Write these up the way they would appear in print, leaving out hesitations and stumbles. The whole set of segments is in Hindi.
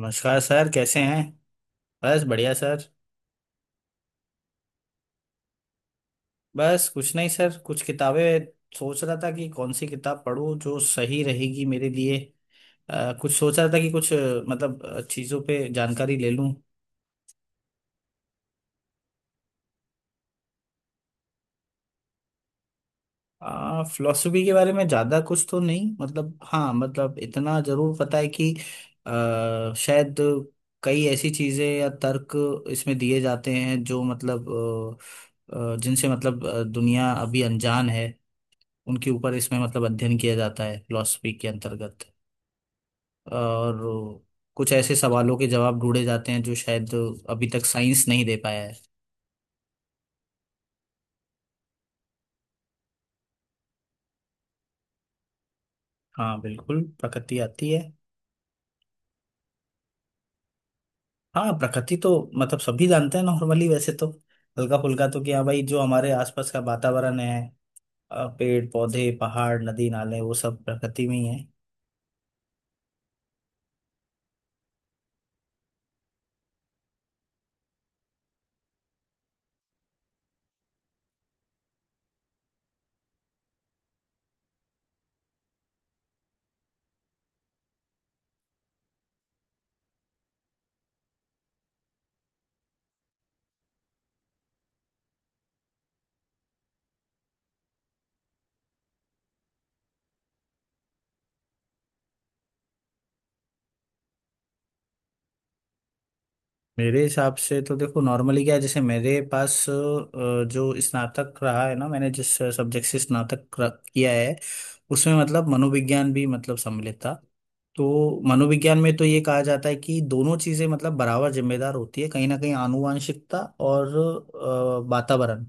नमस्कार सर, कैसे हैं? बस बढ़िया सर। बस कुछ नहीं सर, कुछ किताबें सोच रहा था कि कौन सी किताब पढूं जो सही रहेगी मेरे लिए। कुछ सोच रहा था कि कुछ मतलब चीज़ों पे जानकारी ले लूं। फिलोसफी के बारे में ज़्यादा कुछ तो नहीं, मतलब हाँ, मतलब इतना ज़रूर पता है कि शायद कई ऐसी चीज़ें या तर्क इसमें दिए जाते हैं जो मतलब जिनसे मतलब दुनिया अभी अनजान है। उनके ऊपर इसमें मतलब अध्ययन किया जाता है फिलॉसफी के अंतर्गत। और कुछ ऐसे सवालों के जवाब ढूंढे जाते हैं जो शायद अभी तक साइंस नहीं दे पाया है। हाँ बिल्कुल, प्रकृति आती है। हाँ, प्रकृति तो मतलब सभी जानते हैं नॉर्मली वैसे तो। हल्का फुल्का तो कि हाँ भाई, जो हमारे आसपास का वातावरण है, पेड़ पौधे पहाड़ नदी नाले वो सब प्रकृति में ही है। मेरे हिसाब से तो देखो, नॉर्मली क्या है जैसे मेरे पास जो स्नातक रहा है ना, मैंने जिस सब्जेक्ट से स्नातक किया है, उसमें मतलब मनोविज्ञान भी मतलब सम्मिलित था। तो मनोविज्ञान में तो ये कहा जाता है कि दोनों चीजें मतलब बराबर जिम्मेदार होती है कहीं ना कहीं, आनुवांशिकता और वातावरण,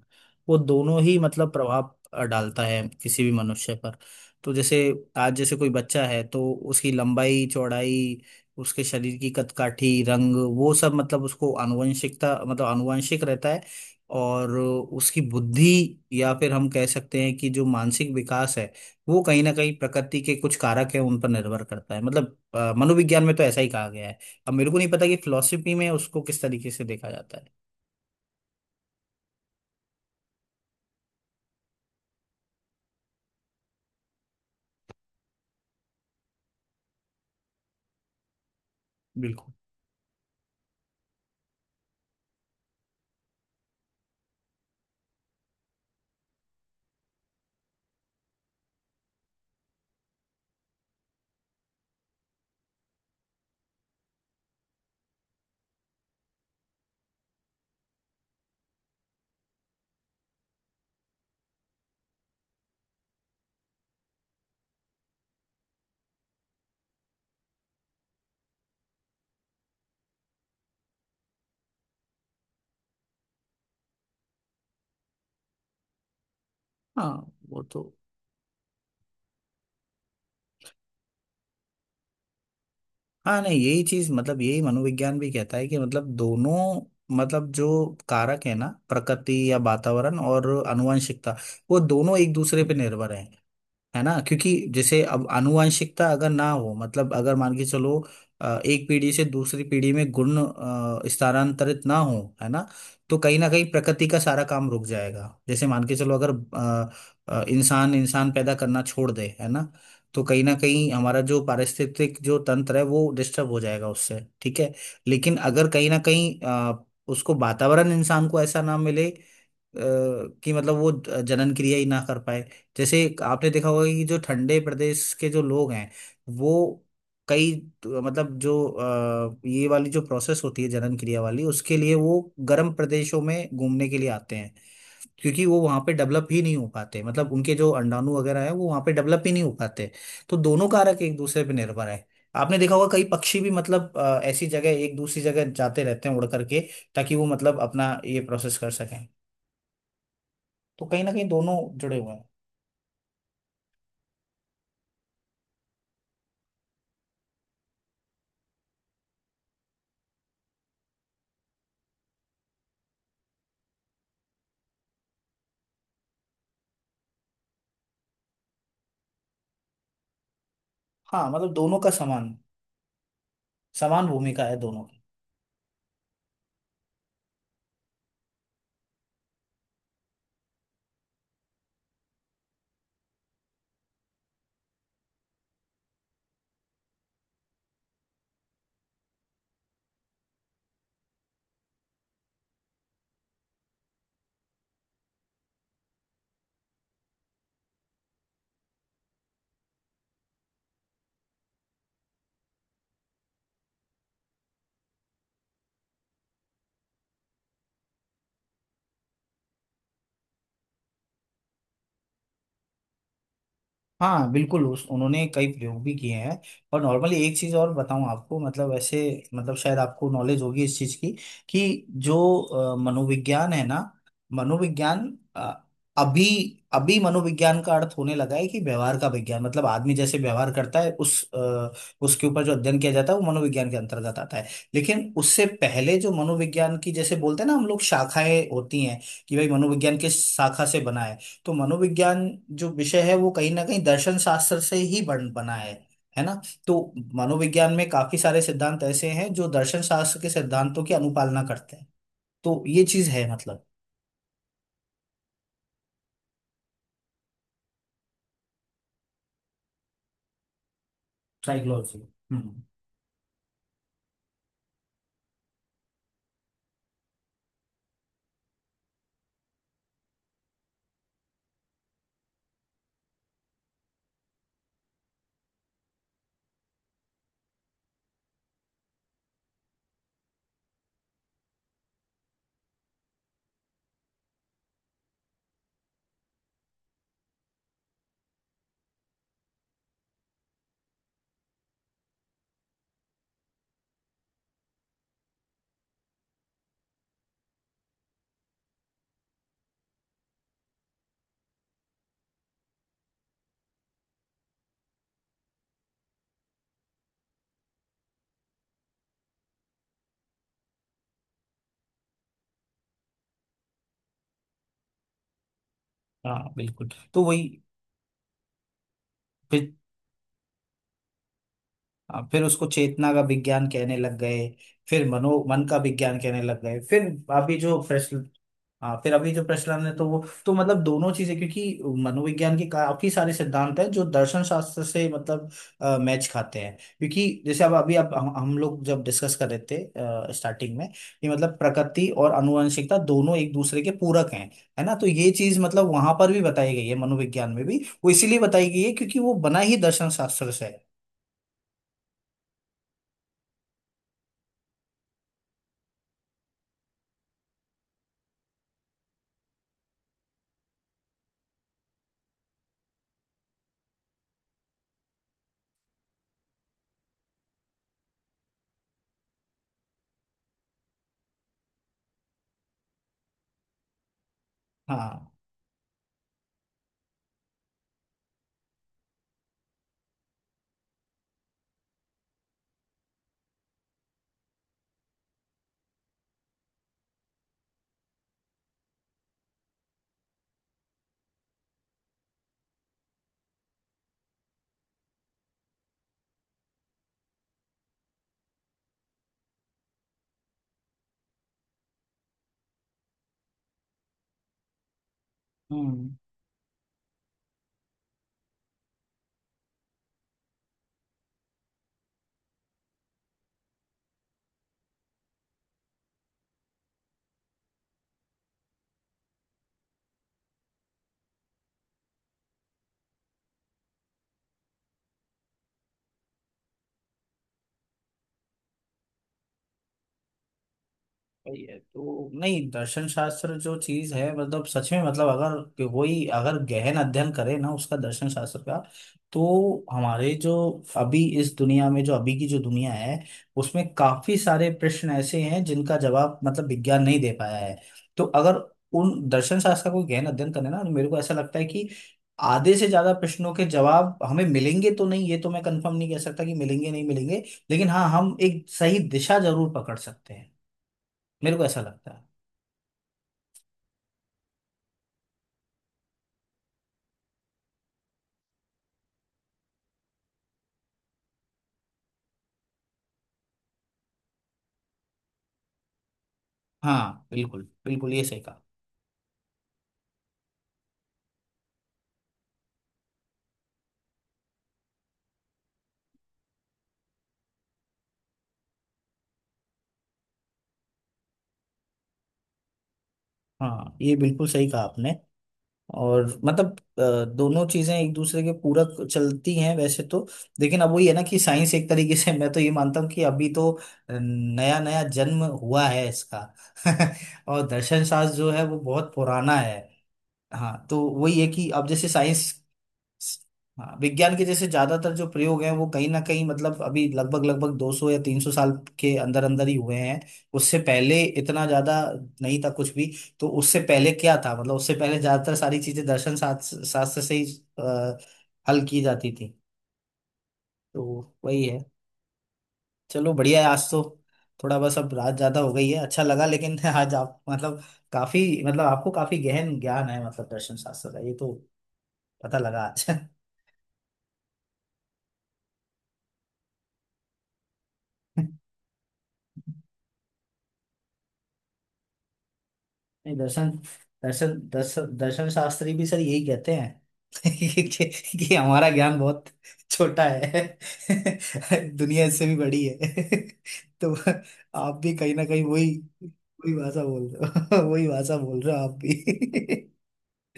वो दोनों ही मतलब प्रभाव डालता है किसी भी मनुष्य पर। तो जैसे आज जैसे कोई बच्चा है तो उसकी लंबाई चौड़ाई, उसके शरीर की कदकाठी, रंग, वो सब मतलब उसको आनुवंशिकता मतलब आनुवंशिक रहता है। और उसकी बुद्धि या फिर हम कह सकते हैं कि जो मानसिक विकास है, वो कहीं ना कहीं प्रकृति के कुछ कारक है उन पर निर्भर करता है, मतलब मनोविज्ञान में तो ऐसा ही कहा गया है। अब मेरे को नहीं पता कि फिलोसफी में उसको किस तरीके से देखा जाता है। बिल्कुल। हाँ, वो तो। हाँ नहीं, यही चीज मतलब यही मनोविज्ञान भी कहता है कि मतलब दोनों मतलब जो कारक है ना, प्रकृति या वातावरण और आनुवंशिकता, वो दोनों एक दूसरे पे निर्भर है। है ना, क्योंकि जैसे अब आनुवंशिकता अगर ना हो, मतलब अगर मान के चलो, एक पीढ़ी से दूसरी पीढ़ी में गुण स्थानांतरित ना हो, है ना। तो कहीं ना कहीं प्रकृति का सारा काम रुक जाएगा, जैसे मान के चलो अगर इंसान इंसान पैदा करना छोड़ दे, है ना। तो कहीं ना कहीं हमारा जो पारिस्थितिक जो तंत्र है वो डिस्टर्ब हो जाएगा उससे, ठीक है। लेकिन अगर कहीं ना कहीं उसको वातावरण इंसान को ऐसा ना मिले कि मतलब वो जनन क्रिया ही ना कर पाए। जैसे एक आपने देखा होगा कि जो ठंडे प्रदेश के जो लोग हैं वो कई, तो मतलब जो ये वाली जो प्रोसेस होती है जनन क्रिया वाली, उसके लिए वो गर्म प्रदेशों में घूमने के लिए आते हैं, क्योंकि वो वहाँ पे डेवलप ही नहीं हो पाते, मतलब उनके जो अंडाणु वगैरह है वो वहाँ पे डेवलप ही नहीं हो पाते। तो दोनों कारक एक दूसरे पे निर्भर है। आपने देखा होगा कई पक्षी भी मतलब ऐसी जगह एक दूसरी जगह जाते रहते हैं उड़ करके, ताकि वो मतलब अपना ये प्रोसेस कर सकें। तो कहीं ना कहीं दोनों जुड़े हुए हैं। हाँ मतलब दोनों का समान, समान भूमिका है दोनों। हाँ बिल्कुल, उस उन्होंने कई प्रयोग भी किए हैं। और नॉर्मली एक चीज़ और बताऊं आपको, मतलब ऐसे मतलब शायद आपको नॉलेज होगी इस चीज़ की कि जो मनोविज्ञान है ना, मनोविज्ञान अ, अभी अभी मनोविज्ञान का अर्थ होने लगा है कि व्यवहार का विज्ञान, मतलब आदमी जैसे व्यवहार करता है उस उसके ऊपर जो अध्ययन किया जाता है वो मनोविज्ञान के अंतर्गत आता है। लेकिन उससे पहले जो मनोविज्ञान की जैसे बोलते हैं ना हम लोग, शाखाएं होती हैं, कि भाई मनोविज्ञान किस शाखा से बना है। तो मनोविज्ञान जो विषय है वो कहीं ना कहीं दर्शन शास्त्र से ही बन बना है। है ना, तो मनोविज्ञान में काफी सारे सिद्धांत ऐसे हैं जो दर्शन शास्त्र के सिद्धांतों की अनुपालना करते हैं। तो ये चीज है मतलब। साइकोलॉजी। हम्म। हाँ बिल्कुल। तो वही। फिर। फिर उसको चेतना का विज्ञान कहने लग गए। फिर मनो मन का विज्ञान कहने लग गए, फिर अभी जो प्रश्न। हाँ फिर अभी जो प्रचलन है तो वो। तो मतलब दोनों चीजें, क्योंकि मनोविज्ञान के काफी सारे सिद्धांत हैं जो दर्शन शास्त्र से मतलब मैच खाते हैं, क्योंकि जैसे अब हम लोग जब डिस्कस कर रहे थे स्टार्टिंग में कि मतलब प्रकृति और आनुवंशिकता दोनों एक दूसरे के पूरक हैं। है ना, तो ये चीज मतलब वहां पर भी बताई गई है, मनोविज्ञान में भी। वो इसीलिए बताई गई है क्योंकि वो बना ही दर्शन शास्त्र से है। हाँ। हम्म सही है, तो नहीं दर्शन शास्त्र जो चीज है मतलब सच में, मतलब अगर कोई अगर गहन अध्ययन करे ना उसका, दर्शन शास्त्र का, तो हमारे जो अभी इस दुनिया में जो अभी की जो दुनिया है, उसमें काफी सारे प्रश्न ऐसे हैं जिनका जवाब मतलब विज्ञान नहीं दे पाया है। तो अगर उन दर्शन शास्त्र का कोई गहन अध्ययन करे ना तो मेरे को ऐसा लगता है कि आधे से ज्यादा प्रश्नों के जवाब हमें मिलेंगे, तो नहीं ये तो मैं कंफर्म नहीं कह सकता कि मिलेंगे नहीं मिलेंगे, लेकिन हाँ हम एक सही दिशा जरूर पकड़ सकते हैं, मेरे को ऐसा लगता है। हाँ बिल्कुल बिल्कुल, ये सही कहा। हाँ ये बिल्कुल सही कहा आपने। और मतलब दोनों चीजें एक दूसरे के पूरक चलती हैं वैसे तो। लेकिन अब वही है ना कि साइंस एक तरीके से मैं तो ये मानता हूँ कि अभी तो नया नया जन्म हुआ है इसका और दर्शन शास्त्र जो है वो बहुत पुराना है। हाँ तो वही है कि अब जैसे साइंस। हाँ, विज्ञान के जैसे ज्यादातर जो प्रयोग हैं वो कहीं ना कहीं मतलब अभी लगभग लगभग 200 या 300 साल के अंदर अंदर ही हुए हैं। उससे पहले इतना ज्यादा नहीं था कुछ भी। तो उससे पहले क्या था मतलब उससे पहले ज्यादातर सारी चीजें दर्शन शास्त्र शास्त्र से ही अ, हल की जाती थी। तो वही है। चलो बढ़िया है आज तो। थोड़ा बस अब रात ज्यादा हो गई है, अच्छा लगा लेकिन आज आप मतलब काफी, मतलब आपको काफी गहन ज्ञान है मतलब दर्शन शास्त्र का, ये तो पता लगा आज नहीं, दर्शन दर्शन दर्शन दर्शन शास्त्री भी सर यही कहते हैं, कि हमारा ज्ञान बहुत छोटा है, दुनिया इससे भी बड़ी है। तो आप भी कहीं ना कहीं वही वही भाषा बोल रहे हो वही भाषा बोल रहे हो आप भी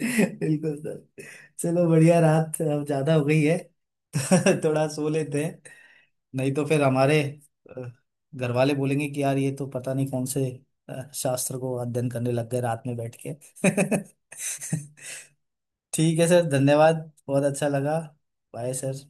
बिल्कुल सर। चलो बढ़िया, रात अब ज्यादा हो गई है थोड़ा सो लेते हैं, नहीं तो फिर हमारे अ, घर वाले बोलेंगे कि यार ये तो पता नहीं कौन से शास्त्र को अध्ययन करने लग गए रात में बैठ के ठीक है सर, धन्यवाद। बहुत अच्छा लगा। Bye sir.